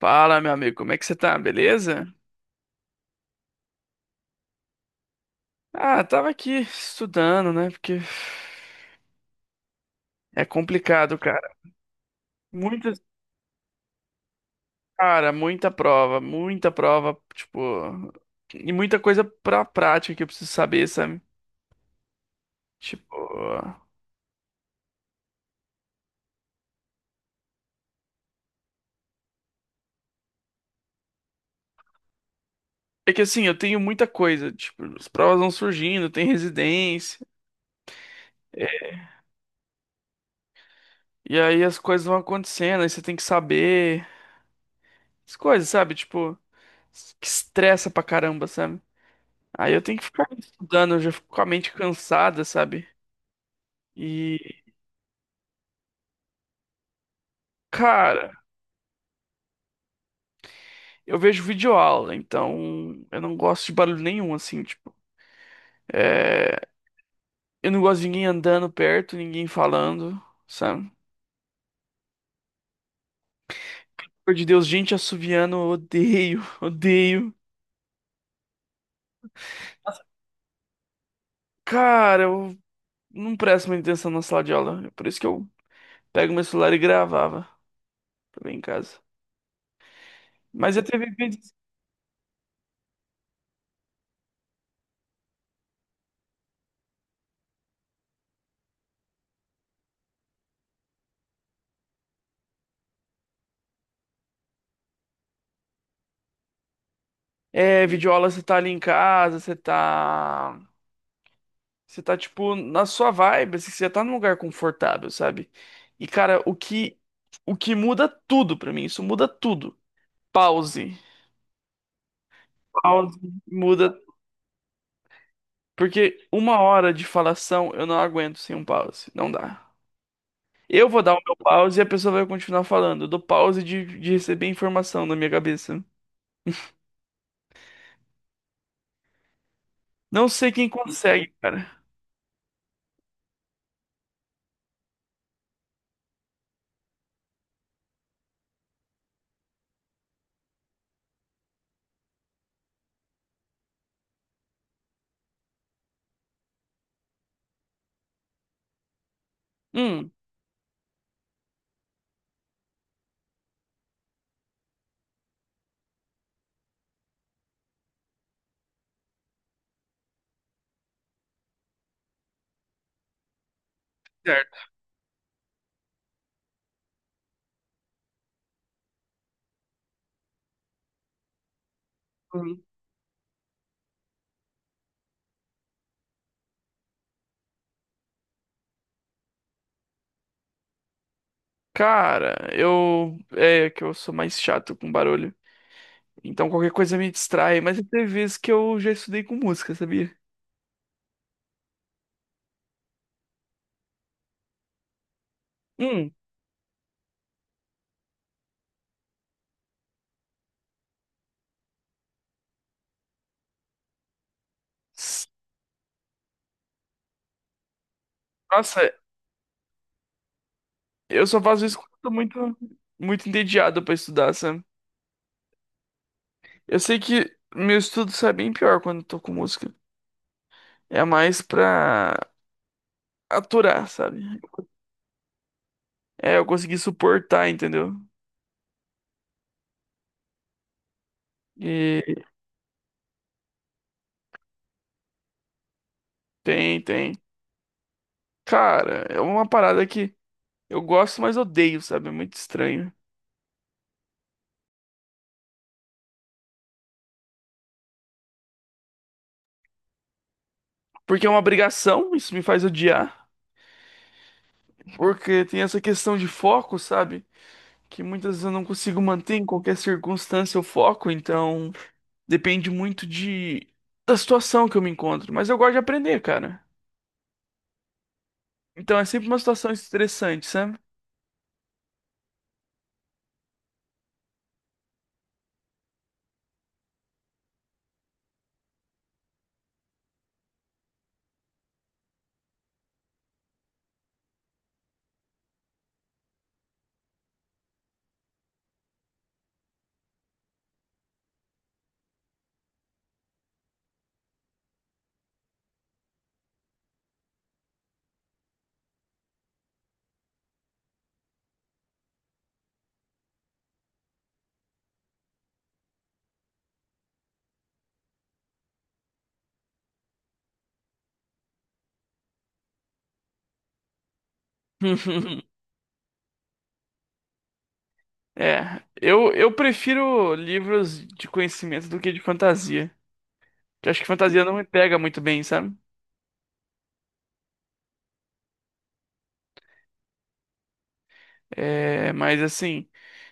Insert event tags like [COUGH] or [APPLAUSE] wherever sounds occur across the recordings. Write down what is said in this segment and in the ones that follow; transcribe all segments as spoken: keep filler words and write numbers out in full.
Fala, meu amigo, como é que você tá? Beleza? Ah, tava aqui estudando, né? Porque é complicado, cara. Muitas, cara, muita prova, muita prova, tipo, e muita coisa pra prática que eu preciso saber, sabe? Tipo, é que assim, eu tenho muita coisa, tipo, as provas vão surgindo, tem residência, é, e aí as coisas vão acontecendo, aí você tem que saber as coisas, sabe? Tipo, que estressa pra caramba, sabe? Aí eu tenho que ficar estudando, eu já fico com a mente cansada, sabe? E, cara, eu vejo videoaula, então eu não gosto de barulho nenhum, assim, tipo. É, eu não gosto de ninguém andando perto, ninguém falando, sabe? Por de Deus, gente assoviando, eu odeio, [LAUGHS] odeio. Cara, eu não presto muita atenção na sala de aula. É por isso que eu pego meu celular e gravava também em casa. Mas eu teve vídeos. É, videoaula, você tá ali em casa, você tá. Você tá, tipo, na sua vibe, assim, você já tá num lugar confortável, sabe? E, cara, o que, o que muda tudo pra mim, isso muda tudo. Pause. Pause muda. Porque uma hora de falação eu não aguento sem um pause. Não dá. Eu vou dar o meu pause e a pessoa vai continuar falando. Eu dou pause de, de receber informação na minha cabeça. Não sei quem consegue, cara. Hum, certo. Hum. Cara, eu. É que eu sou mais chato com barulho. Então qualquer coisa me distrai, mas tem vezes que eu já estudei com música, sabia? Hum. s- Nossa, eu só faço isso quando eu tô muito, muito entediado pra estudar, sabe? Eu sei que meu estudo sai bem pior quando eu tô com música. É mais pra aturar, sabe? É, eu consegui suportar, entendeu? E tem, tem. Cara, é uma parada que eu gosto, mas odeio, sabe? É muito estranho. Porque é uma obrigação, isso me faz odiar. Porque tem essa questão de foco, sabe? Que muitas vezes eu não consigo manter em qualquer circunstância o foco, então depende muito de da situação que eu me encontro, mas eu gosto de aprender, cara. Então é sempre uma situação estressante, sabe? [LAUGHS] É, eu, eu prefiro livros de conhecimento do que de fantasia. Que eu acho que fantasia não me pega muito bem, sabe? É, mas assim,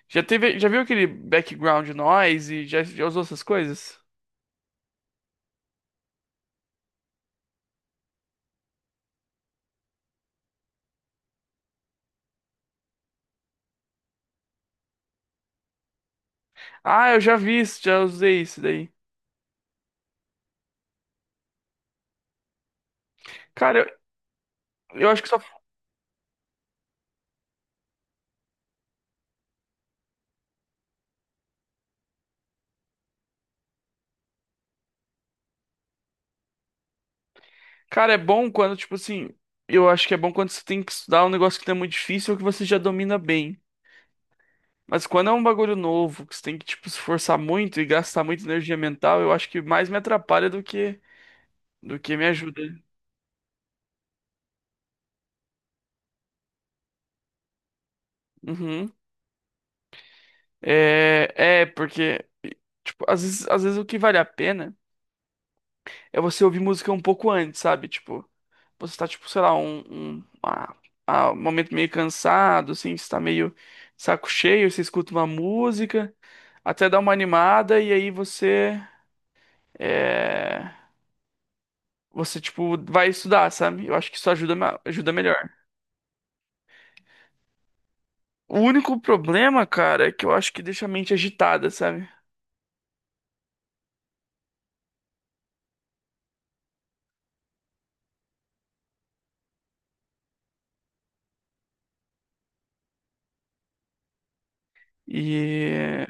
já teve, já viu aquele background noise? Já, já usou essas coisas? Ah, eu já vi isso, já usei isso daí. Cara, eu, eu acho que só cara, é bom quando, tipo assim, eu acho que é bom quando você tem que estudar um negócio que não é muito difícil ou que você já domina bem. Mas quando é um bagulho novo, que você tem que, tipo, se esforçar muito e gastar muita energia mental, eu acho que mais me atrapalha do que do que me ajuda. Uhum. É, é, porque, tipo, às vezes, às vezes o que vale a pena é você ouvir música um pouco antes, sabe? Tipo, você tá, tipo, sei lá, um, um, ah, ah, um momento meio cansado, assim, você tá meio de saco cheio, você escuta uma música, até dá uma animada, e aí você, é, você, tipo, vai estudar, sabe? Eu acho que isso ajuda, ma- ajuda melhor. O único problema, cara, é que eu acho que deixa a mente agitada, sabe? E,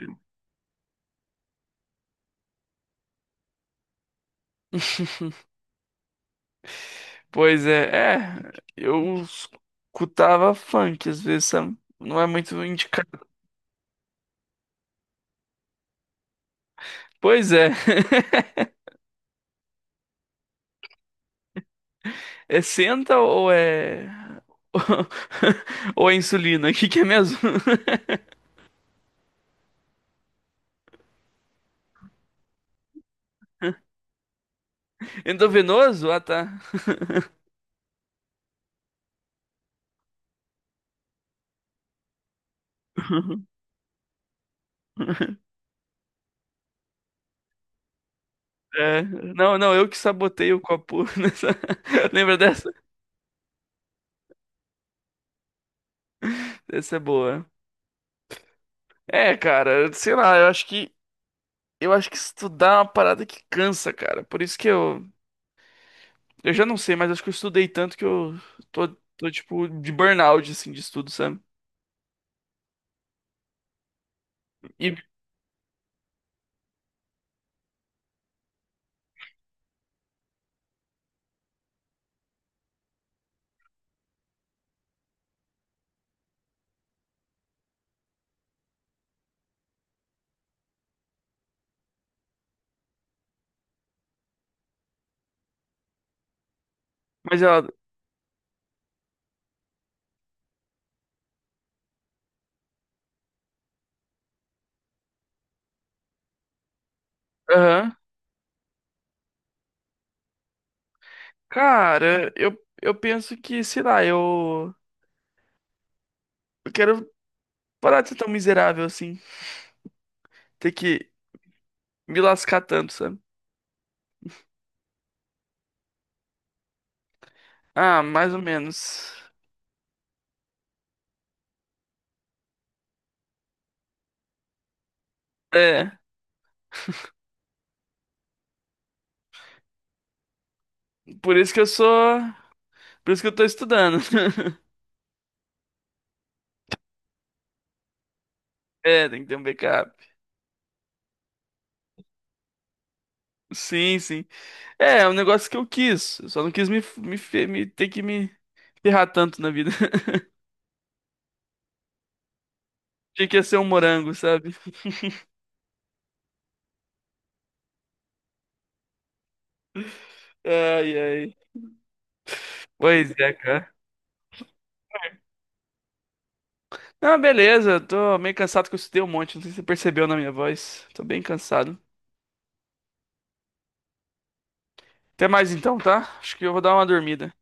pois é, é, eu escutava funk às vezes, sabe? Não é muito indicado. Pois é. É senta ou é. [LAUGHS] Ou é insulina? [LAUGHS] O que que é mesmo? [LAUGHS] Endovenoso? Ah, tá. [LAUGHS] É, não, não, eu que sabotei o copo [LAUGHS] nessa. Lembra dessa? Essa é boa. É, cara, sei lá, eu acho que. Eu acho que estudar é uma parada que cansa, cara. Por isso que eu. Eu já não sei, mas acho que eu estudei tanto que eu tô, tô tipo, de burnout, assim, de estudo, sabe? E, mas ela. Aham. Cara, eu, eu penso que, sei lá, eu. Eu quero. Parar de ser tão miserável assim. Ter que me lascar tanto, sabe? Ah, mais ou menos. É, por isso que eu sou. Por isso que eu tô estudando. [LAUGHS] É, tem que ter um backup. Sim, sim. É, é um negócio que eu quis. Eu só não quis me, me, fe- me ter que me ferrar tanto na vida. [LAUGHS] Tinha que ser um morango, sabe? [LAUGHS] Ai, ai. Pois é, cara. Não, beleza. Eu tô meio cansado que eu estudei um monte. Não sei se você percebeu na minha voz. Tô bem cansado. Até mais então, tá? Acho que eu vou dar uma dormida.